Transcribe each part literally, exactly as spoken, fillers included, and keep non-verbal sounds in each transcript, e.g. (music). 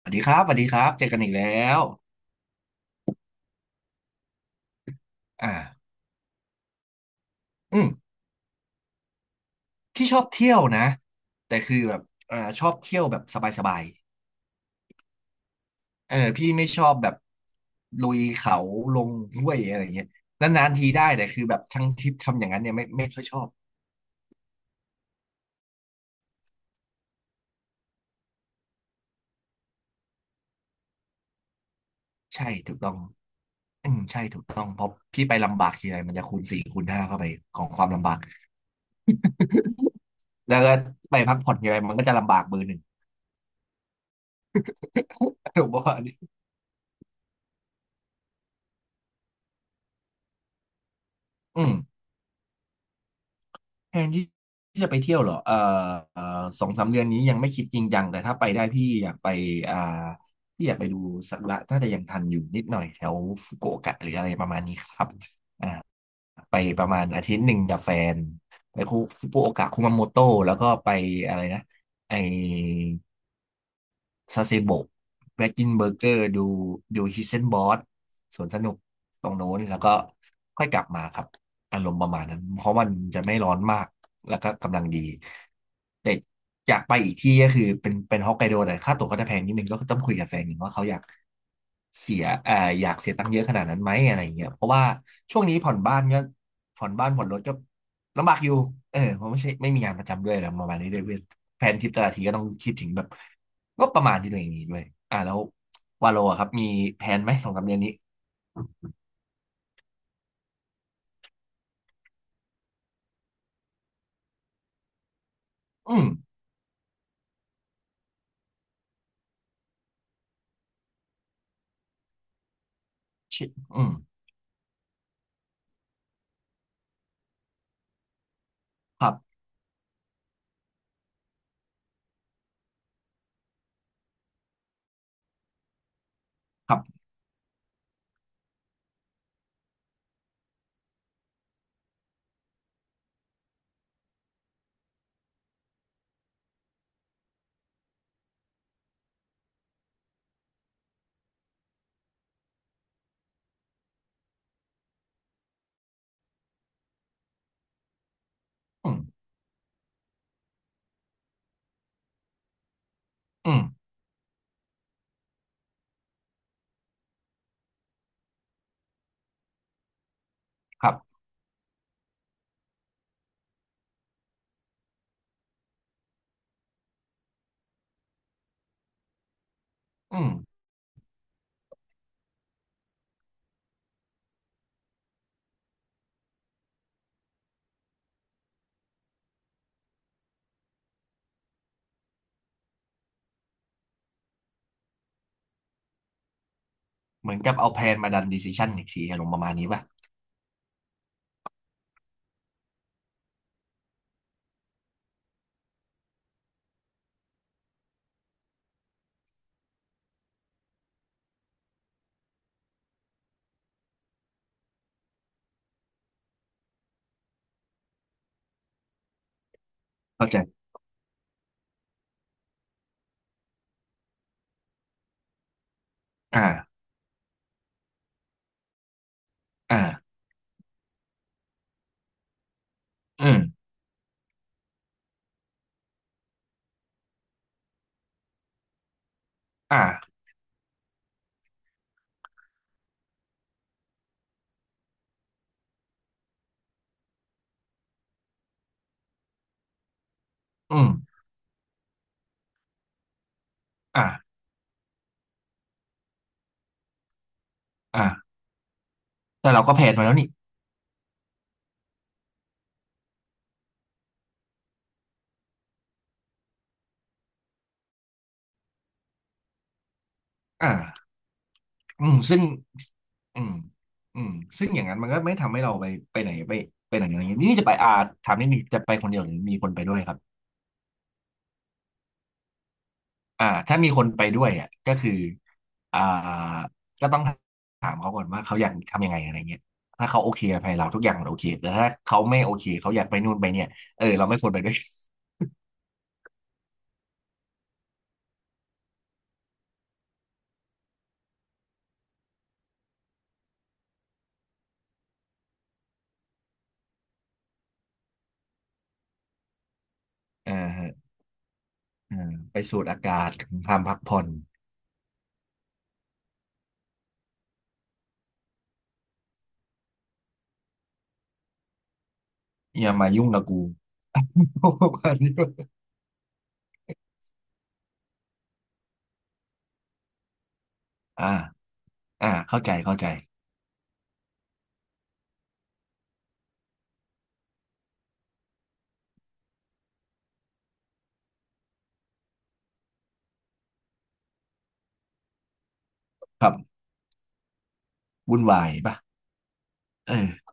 สวัสดีครับสวัสดีครับเจอกันอีกแล้วอ่าอืมพี่ชอบเที่ยวนะแต่คือแบบอ่าชอบเที่ยวแบบสบายๆเออพี่ไม่ชอบแบบลุยเขาลงห้วยอะไรอย่างเงี้ยนานๆทีได้แต่คือแบบทั้งทริปทำอย่างนั้นเนี่ยไม่ไม่ค่อยชอบใช่ถูกต้องอืมใช่ถูกต้องเพราะพี่ไปลำบากทีไรมันจะคูณสี่คูณห้าเข้าไปของความลำบากแล้วก็ไปพักผ่อนทีไรมันก็จะลำบากเบอร์หนึ่ง (laughs) ผมบอกว่าอันนี้อืม แทนที่ที่จะไปเที่ยวเหรอเอ่อเอ่อสองสามเดือนนี้ยังไม่คิดจริงจังแต่ถ้าไปได้พี่อยากไปอ่าพี่อยากไปดูสักุระน่าจะยังทันอยู่นิดหน่อยแถวฟุกุโอกะหรืออะไรประมาณนี้ครับอ่าไปประมาณอาทิตย์หนึ่งกับแฟนไปฟุกุโอกะคุมาโมโตะแล้วก็ไปอะไรนะไอ ซาเซโบะแบ็กกินเบอร์เกอร์ดูดูฮิสเซนบอสสวนสนุกตรงโน้นแล้วก็ค่อยกลับมาครับอารมณ์ประมาณนั้นเพราะมันจะไม่ร้อนมากแล้วก็กำลังดีแต่อยากไปอีกที่ก็คือเป็นเป็นฮอกไกโดแต่ค่าตั๋วก็จะแพงนิดนึงก็ต้องคุยกับแฟนหนึ่งว่าเขาอยากเสียเอ่ออยากเสียตังค์เยอะขนาดนั้นไหมอะไรอย่างเงี้ยเพราะว่าช่วงนี้ผ่อนบ้านก็ผ่อนบ้านผ่อนรถก็ ลำบากอยู่เออเพราะไม่ใช่ไม่มีงานประจำด้วยแล้วประมาณนี้ด้วยเว้ยแผนทริปแต่ละทีก็ต้องคิดถึงแบบก็ประมาณที่ตัวเองมีด้วยอ่าแล้ววาโลอะครับมีแผนไหมสองสามเดือนนี้อืมชิอืมครับครับอืมอืมครับอืมเหมือนกับเอาแพลนมาดันดีซิชันอีกทีอารมณ์ประมาณนี้ป่ะเข้าใจอ่าอ่าอืมอ่าอืมอ่าอ่าแต่เราก็แพลนมาแล้วนี่อ่า อืมซึ่งอืมอืมซึ่งอย่างนั้นมันก็ไม่ทำให้เราไปไปไหนไปไปไหนอะไรอย่างนี้นี่จะไปอาถามนิดนึงจะไปคนเดียวหรือมีคนไปด้วยครับอ่าถ้ามีคนไปด้วยอ่ะก็คืออ่าก็ต้องถามเขาก่อนว่าเขาอยากทำยังไงอะไรเงี้ยถ้าเขาโอเคกับไปเราทุกอย่างมันโอเคแต่ถ้าเขาไม่โอเคเขาอยากไปนู่นไปเนี่ยเออเราไม่ควรไปด้วย (laughs) อ่าฮะอ่าไปสูดอากาศทำพักผ่อนอย่ามายุ่งกับกู (laughs) ประมาณนี้ด้วยอ่าอ่าเข้าใจเข้าใจครับวุ่นวายป่ะเออ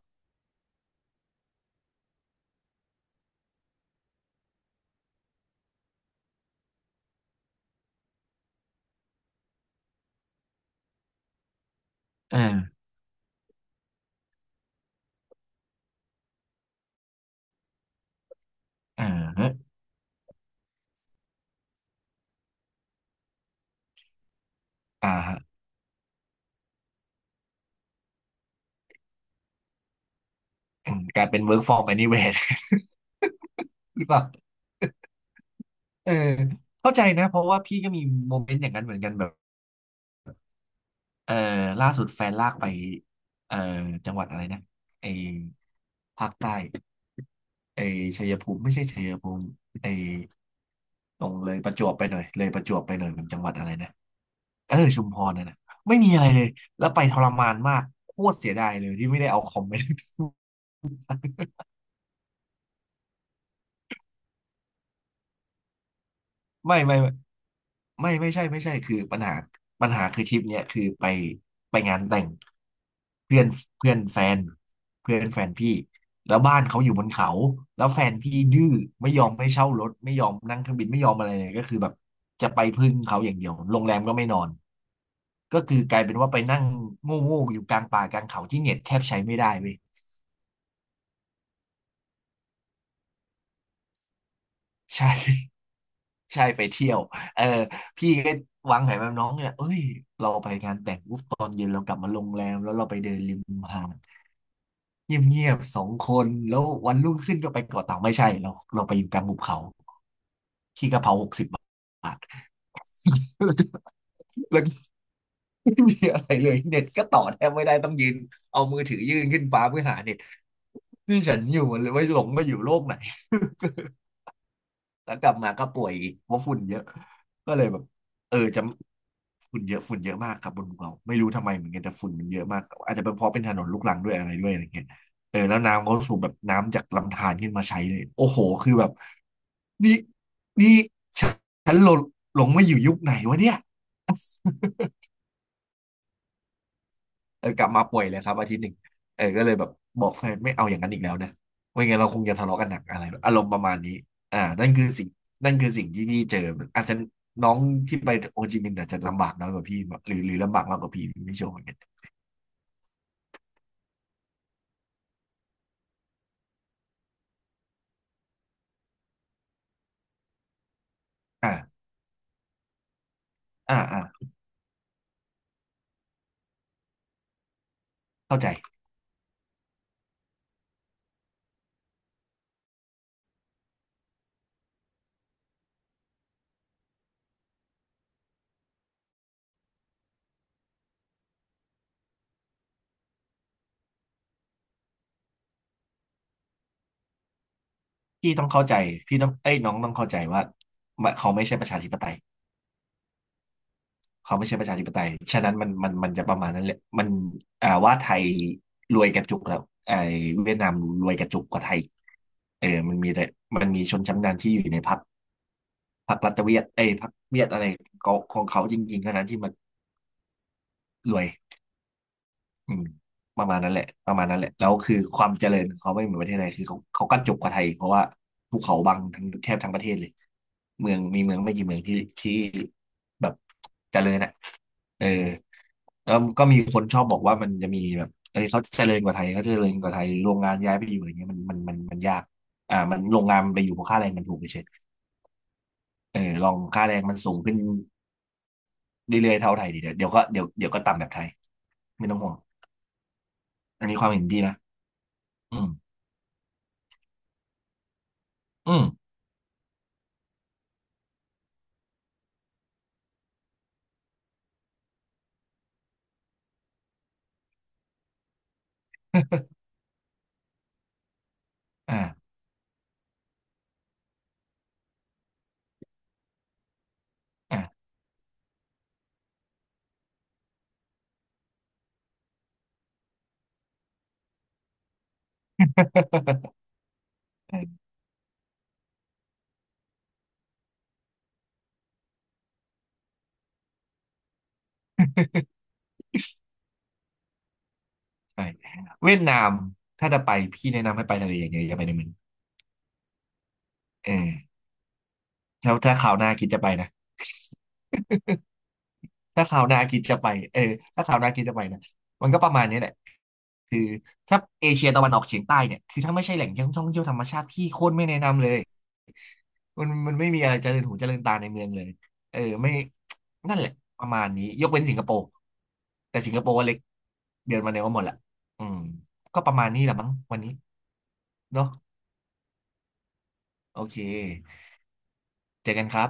อ่าอ่าฮะอ่าฮะอืมกลายเป็น work from anywhere (laughs) หรือเปล่าเออเข้าใจนะเพราะว่าพี่ก็มีโมเมนต์อย่างนั้นเหมือนกันแบบเออล่าสุดแฟนลากไปเออจังหวัดอะไรนะไอภาคใต้ไอชัยภูมิไม่ใช่ชัยภูมิไอตรงเลยประจวบไปหน่อยเลยประจวบไปหน่อยมันจังหวัดอะไรนะเออชุมพรนั่นนะไม่มีอะไรเลยแล้วไปทรมานมากโคตรเสียดายเลยที่ไม่ได้เอาคอมไป (laughs) ไม่ไม่ไม่ไม่ไม่ใช่ไม่ใช่คือปัญหาปัญหาคือทริปเนี้ยคือไปไปงานแต่งเพื่อนเพื่อนแฟนเพื่อนแฟนพี่แล้วบ้านเขาอยู่บนเขาแล้วแฟนพี่ดื้อไม่ยอมให้เช่ารถไม่ยอมนั่งเครื่องบินไม่ยอมอะไรเลยก็คือแบบจะไปพึ่งเขาอย่างเดียวโรงแรมก็ไม่นอนก็คือกลายเป็นว่าไปนั่งโง่ๆอยู่กลางป่ากลางเขาที่เน็ตแทบใช้ไม่ได้เว้ยใช่ ใช่ไปเที่ยวเออพี่ก็วางแผนแบบน้องเนี่ยเอ้ยเราไปงานแต่งปุ๊บตอนเย็นเรากลับมาโรงแรมแล้วเราไปเดินริมหาดเงียบๆ สองคนแล้ววันรุ่งขึ้นก็ไปเกาะเต่าไม่ใช่เราเราไปอยู่กลางหุบเขาขี้กะเพราหกสิบบาท (laughs) แล้วก็ไม่มีอะไรเลยเน็ตก็ต่อแทบไม่ได้ต้องยืนเอามือถือยื่นขึ้นฟ้าเพื่อหาเน็ตนี่ฉันอยู่มันเลยไม่หลงมาอยู่โลกไหน แล้วกลับมาก็ป่วยอีกเพราะฝุ่นเยอะก็เลยแบบเออจะฝุ่นเยอะฝุ่นเยอะมากครับบนภูเขาไม่รู้ทำไมเหมือนกันแต่ฝุ่นมันเยอะมากอาจจะเป็นเพราะเป็นถนนลูกรังด้วยอะไรด้วยอะไรเงี้ยเออแล้วน้ำก็สูบแบบน้ำจากลำธารขึ้นมาใช้เลยโอ้โหคือแบบนี่นี่ฉันหลงหลงมาอยู่ยุคไหนวะเนี่ย เออกลับมาป่วยเลยครับอาทิตย์หนึ่งเออก็เลยแบบบอกแฟนไม่เอาอย่างนั้นอีกแล้วนะไม่งั้นเราคงจะทะเลาะกันหนักอะไรอารมณ์ประมาณนี้อ่านั่นคือสิ่งนั่นคือสิ่งที่พี่เจออาจจะน้องที่ไปโอจิมินห์อาจจะลำบากน้อยกว่าพี่หรือหรือลำบากมากกว่าพี่ไม่ชัวร์เหมือนกันอ่าอ่าอ่าเข้าใจพี่ต้องเข้าใจพี่ต้องเอ้ยน้องต้องเข้าใจว่าเขาไม่ใช่ประชาธิปไตย เขาไม่ใช่ประชาธิปไตยฉะนั้นมันมันมันจะประมาณนั้นแหละมันอ่าว่าไทยรวยกระจุกแล้วไอ้เวียดนามรวยกระจุกกว่าไทยเออมันมีแต่มันมีชนชั้นนำที่อยู่ในพรรคพรรครัฐเวียดเอ้ยพรรคเวียดอะไรของของเขาจริงๆเท่านั้นที่มันรวย อืมประมาณนั้นแหละประมาณนั้นแหละแล้วคือความเจริญของเขาไม่เหมือนประเทศไทยคือเขาเขากระจบกกว่าไทยเพราะว่าภูเขาบังทั้งแทบทั้งประเทศเลยเมืองมีเมืองไม่กี่เมืองที่ที่แบบเจริญอ่ะเออแล้วก็มีคนชอบบอกว่ามันจะมีแบบเอ้ยเขาเจริญกว่าไทยเขาเจริญกว่าไทยโรงงานย้ายไปอยู่อะไรเงี้ยมันมันมันมันยากอ่ามันโรงงานมันไปอยู่เพราะค่าแรงมันถูกเฉยเออลองค่าแรงมันสูงขึ้นเรื่อยๆเท่าไทยดีเดี๋ยวเดี๋ยวก็เดี๋ยวเดี๋ยวก็ต่ำแบบไทยไม่ต้องห่วงอันนี้ความเห็นดีนะอืมอืม อ่าอ่า (laughs) ใช่เวียดนามถ้าจะไปพี่แนะนำให้ไปทะเลอย่างเดียวอย่าไปในเมืองเออถ้าถ้าคราวหน้าคิดจะไปนะถ้าคราวหน้าคิดจะไปเออถ้าคราวหน้าคิดจะไปนะมันก็ประมาณนี้แหละคือถ้าเอเชียตะวันออกเฉียงใต้เนี่ยคือถ้าไม่ใช่แหล่งท่องเที่ยวธรรมชาติพี่โคตรไม่แนะนำเลยมันมันไม่มีอะไรเจริญหูเจริญตาในเมืองเลยเออไม่นั่นแหละประมาณนี้ยกเว้นสิงคโปร์แต่สิงคโปร์ว่าเล็กเดือนมาเนี้ยก็หมดละอืมก็ประมาณนี้แหละมั้งวันนี้เนาะ โอเคเจอกันครับ